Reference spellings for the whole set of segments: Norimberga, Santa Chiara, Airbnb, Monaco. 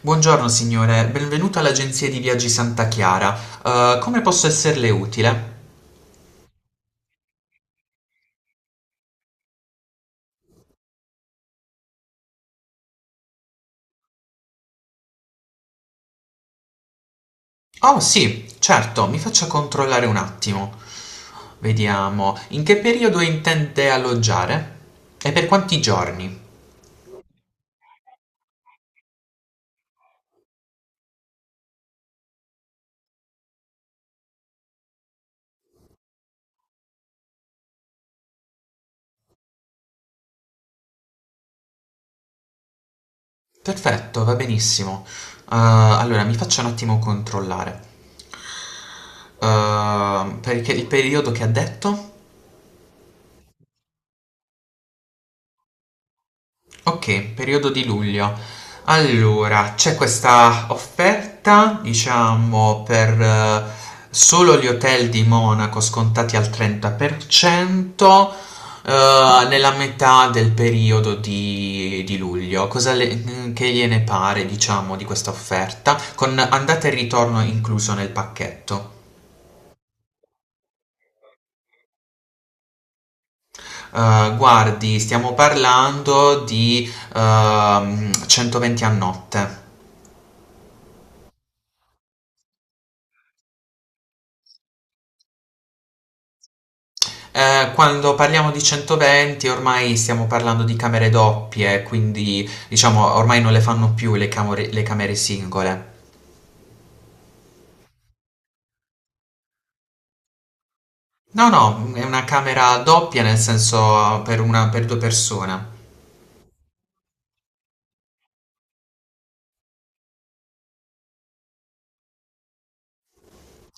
Buongiorno signore, benvenuto all'agenzia di viaggi Santa Chiara. Come posso esserle utile? Oh sì, certo, mi faccia controllare un attimo. Vediamo, in che periodo intende alloggiare? E per quanti giorni? Perfetto, va benissimo. Allora, mi faccia un attimo controllare. Perché il periodo che ha detto? Ok, periodo di luglio. Allora, c'è questa offerta, diciamo, per solo gli hotel di Monaco scontati al 30%, nella metà del periodo di luglio. Che gliene pare, diciamo, di questa offerta, con andata e ritorno incluso nel pacchetto? Guardi, stiamo parlando di 120 euro a notte. Quando parliamo di 120 euro ormai stiamo parlando di camere doppie, quindi diciamo ormai non le fanno più le camere singole. No, no, è una camera doppia nel senso per, una, per due persone.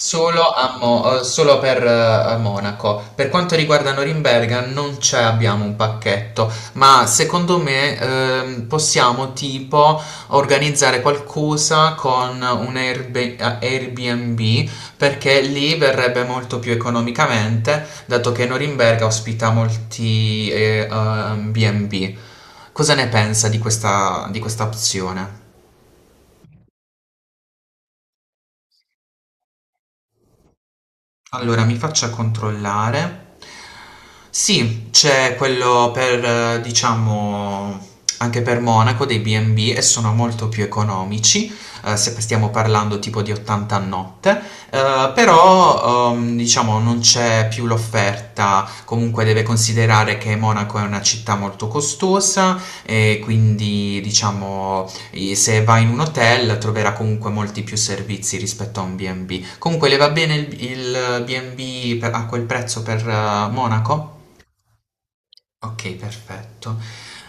Solo per Monaco. Per quanto riguarda Norimberga non c'è, abbiamo un pacchetto, ma secondo me possiamo tipo organizzare qualcosa con un Airbnb, perché lì verrebbe molto più economicamente, dato che Norimberga ospita molti B&B. Cosa ne pensa di questa opzione? Allora, mi faccia controllare. Sì, c'è quello per, diciamo, anche per Monaco dei B&B e B e sono molto più economici, se stiamo parlando tipo di 80 euro a notte, però, diciamo, non c'è più l'offerta, comunque deve considerare che Monaco è una città molto costosa e quindi, diciamo, e se va in un hotel troverà comunque molti più servizi rispetto a un B&B. Comunque le va bene il a quel prezzo per Monaco? Ok, perfetto.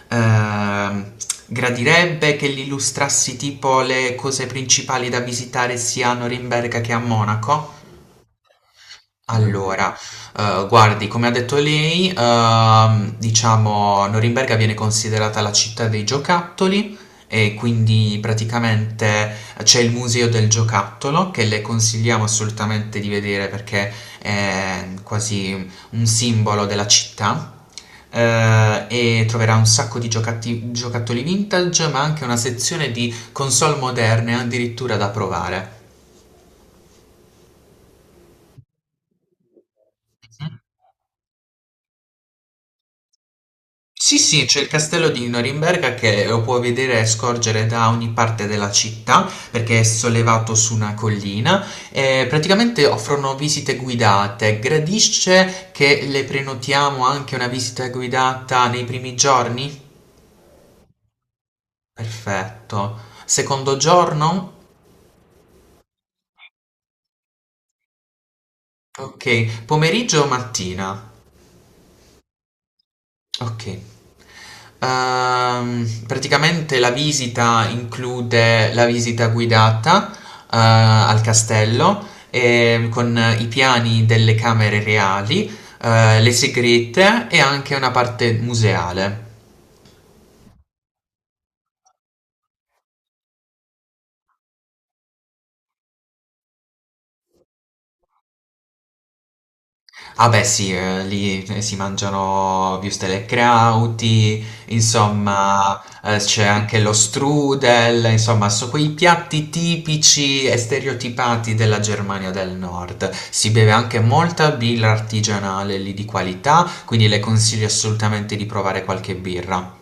Ehm, Gradirebbe che gli illustrassi tipo le cose principali da visitare sia a Norimberga che a Monaco? Allora, guardi, come ha detto lei, diciamo, Norimberga viene considerata la città dei giocattoli e quindi praticamente c'è il museo del giocattolo che le consigliamo assolutamente di vedere, perché è quasi un simbolo della città. E troverà un sacco di giocattoli vintage, ma anche una sezione di console moderne addirittura da provare. Sì, sì, c'è il castello di Norimberga che lo puoi vedere e scorgere da ogni parte della città perché è sollevato su una collina e praticamente offrono visite guidate. Gradisce che le prenotiamo anche una visita guidata nei primi giorni? Perfetto. Secondo giorno? Ok. Pomeriggio o mattina? Ok. Praticamente la visita include la visita guidata, al castello, con i piani delle camere reali, le segrete e anche una parte museale. Ah beh sì, lì si mangiano würstel e krauti, insomma, c'è anche lo strudel, insomma sono quei piatti tipici e stereotipati della Germania del Nord. Si beve anche molta birra artigianale lì di qualità, quindi le consiglio assolutamente di provare qualche birra.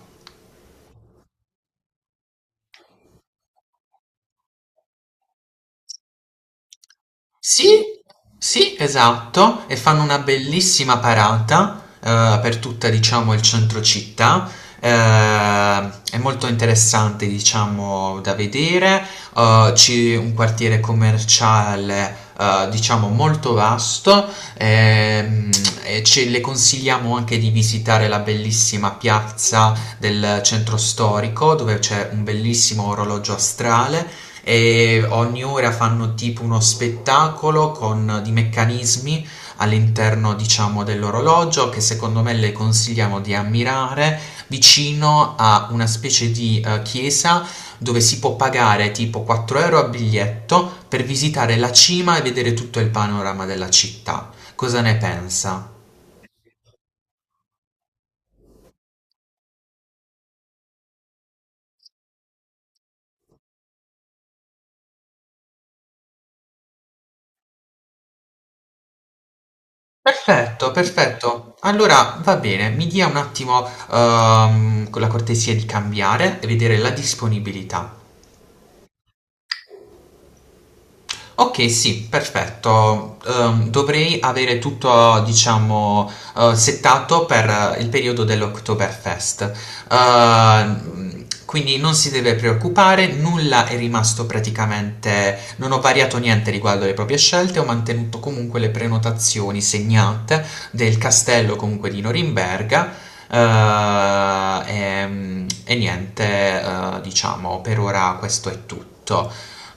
Sì, sì, esatto, e fanno una bellissima parata per tutta, diciamo, il centro città. È molto interessante, diciamo, da vedere. C'è un quartiere commerciale, diciamo, molto vasto. ehm, e ce le consigliamo anche di visitare la bellissima piazza del centro storico, dove c'è un bellissimo orologio astrale e ogni ora fanno tipo uno spettacolo con di meccanismi all'interno, diciamo, dell'orologio, che secondo me le consigliamo di ammirare vicino a una specie di chiesa, dove si può pagare tipo 4 euro a biglietto per visitare la cima e vedere tutto il panorama della città. Cosa ne pensa? Perfetto, perfetto. Allora va bene, mi dia un attimo con la cortesia di cambiare e vedere la disponibilità. Ok, sì, perfetto. Dovrei avere tutto, diciamo, settato per il periodo dell'Oktoberfest. Quindi non si deve preoccupare, nulla è rimasto praticamente, non ho variato niente riguardo alle proprie scelte, ho mantenuto comunque le prenotazioni segnate del castello comunque di Norimberga. E niente, diciamo, per ora questo è tutto.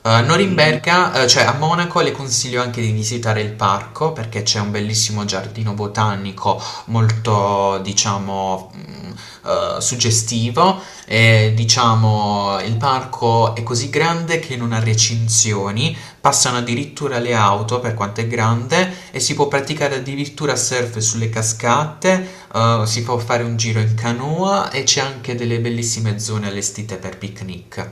A Norimberga, cioè a Monaco, le consiglio anche di visitare il parco perché c'è un bellissimo giardino botanico molto, diciamo, suggestivo, e diciamo il parco è così grande che non ha recinzioni, passano addirittura le auto per quanto è grande, e si può praticare addirittura surf sulle cascate, si può fare un giro in canoa e c'è anche delle bellissime zone allestite per picnic.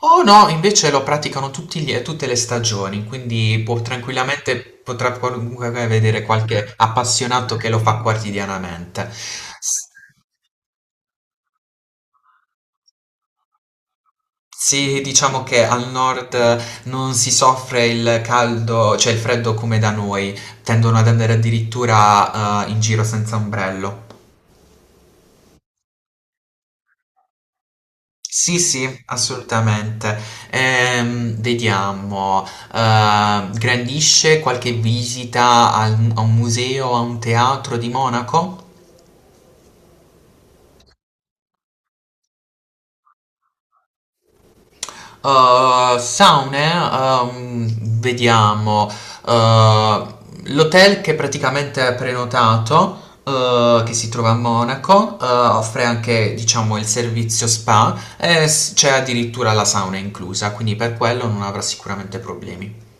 Oh no, invece lo praticano tutte le stagioni, quindi può tranquillamente, potrà comunque vedere qualche appassionato che lo fa quotidianamente. S- Sì, diciamo che al nord non si soffre il caldo, cioè il freddo come da noi, tendono ad andare addirittura in giro senza ombrello. Sì, sì, assolutamente. Vediamo, grandisce qualche visita a un museo, a un teatro di Monaco? Saune, vediamo, eh, l'hotel che praticamente è prenotato, che si trova a Monaco, offre anche, diciamo, il servizio spa e c'è addirittura la sauna inclusa, quindi per quello non avrà sicuramente problemi.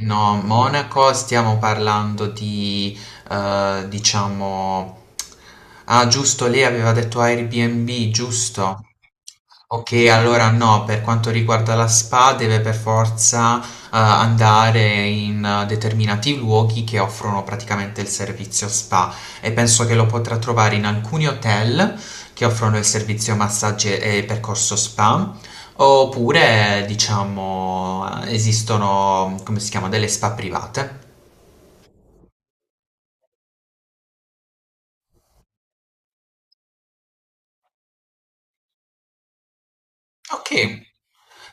No, Monaco stiamo parlando di, diciamo... Ah, giusto, lei aveva detto Airbnb, giusto? Ok, allora no, per quanto riguarda la spa deve per forza andare in determinati luoghi che offrono praticamente il servizio spa, e penso che lo potrà trovare in alcuni hotel che offrono il servizio massaggi e percorso spa, oppure diciamo esistono, come si chiama, delle spa private. Ok.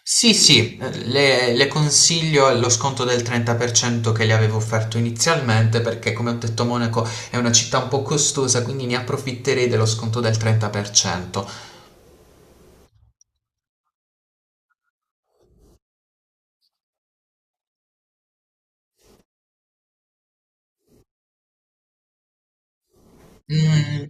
Sì, sì, le consiglio lo sconto del 30% che le avevo offerto inizialmente, perché, come ho detto, Monaco è una città un po' costosa, quindi ne approfitterei dello sconto del 30%. Mm,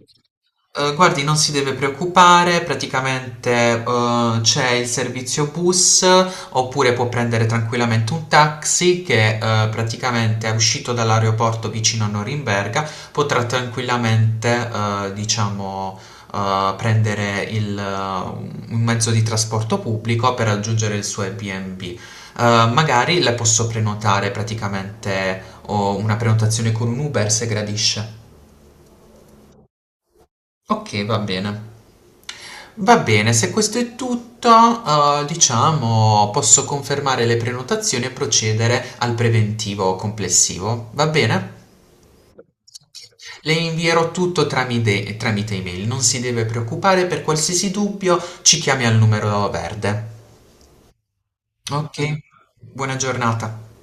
guardi, non si deve preoccupare, praticamente c'è il servizio bus, oppure può prendere tranquillamente un taxi, che praticamente è uscito dall'aeroporto vicino a Norimberga, potrà tranquillamente, diciamo, prendere un mezzo di trasporto pubblico per raggiungere il suo Airbnb. Magari le posso prenotare praticamente o una prenotazione con un Uber se gradisce. Ok, va bene. Va bene, se questo è tutto, diciamo, posso confermare le prenotazioni e procedere al preventivo complessivo. Va bene? Le invierò tutto tramite email, non si deve preoccupare, per qualsiasi dubbio ci chiami al numero verde. Ok, buona giornata.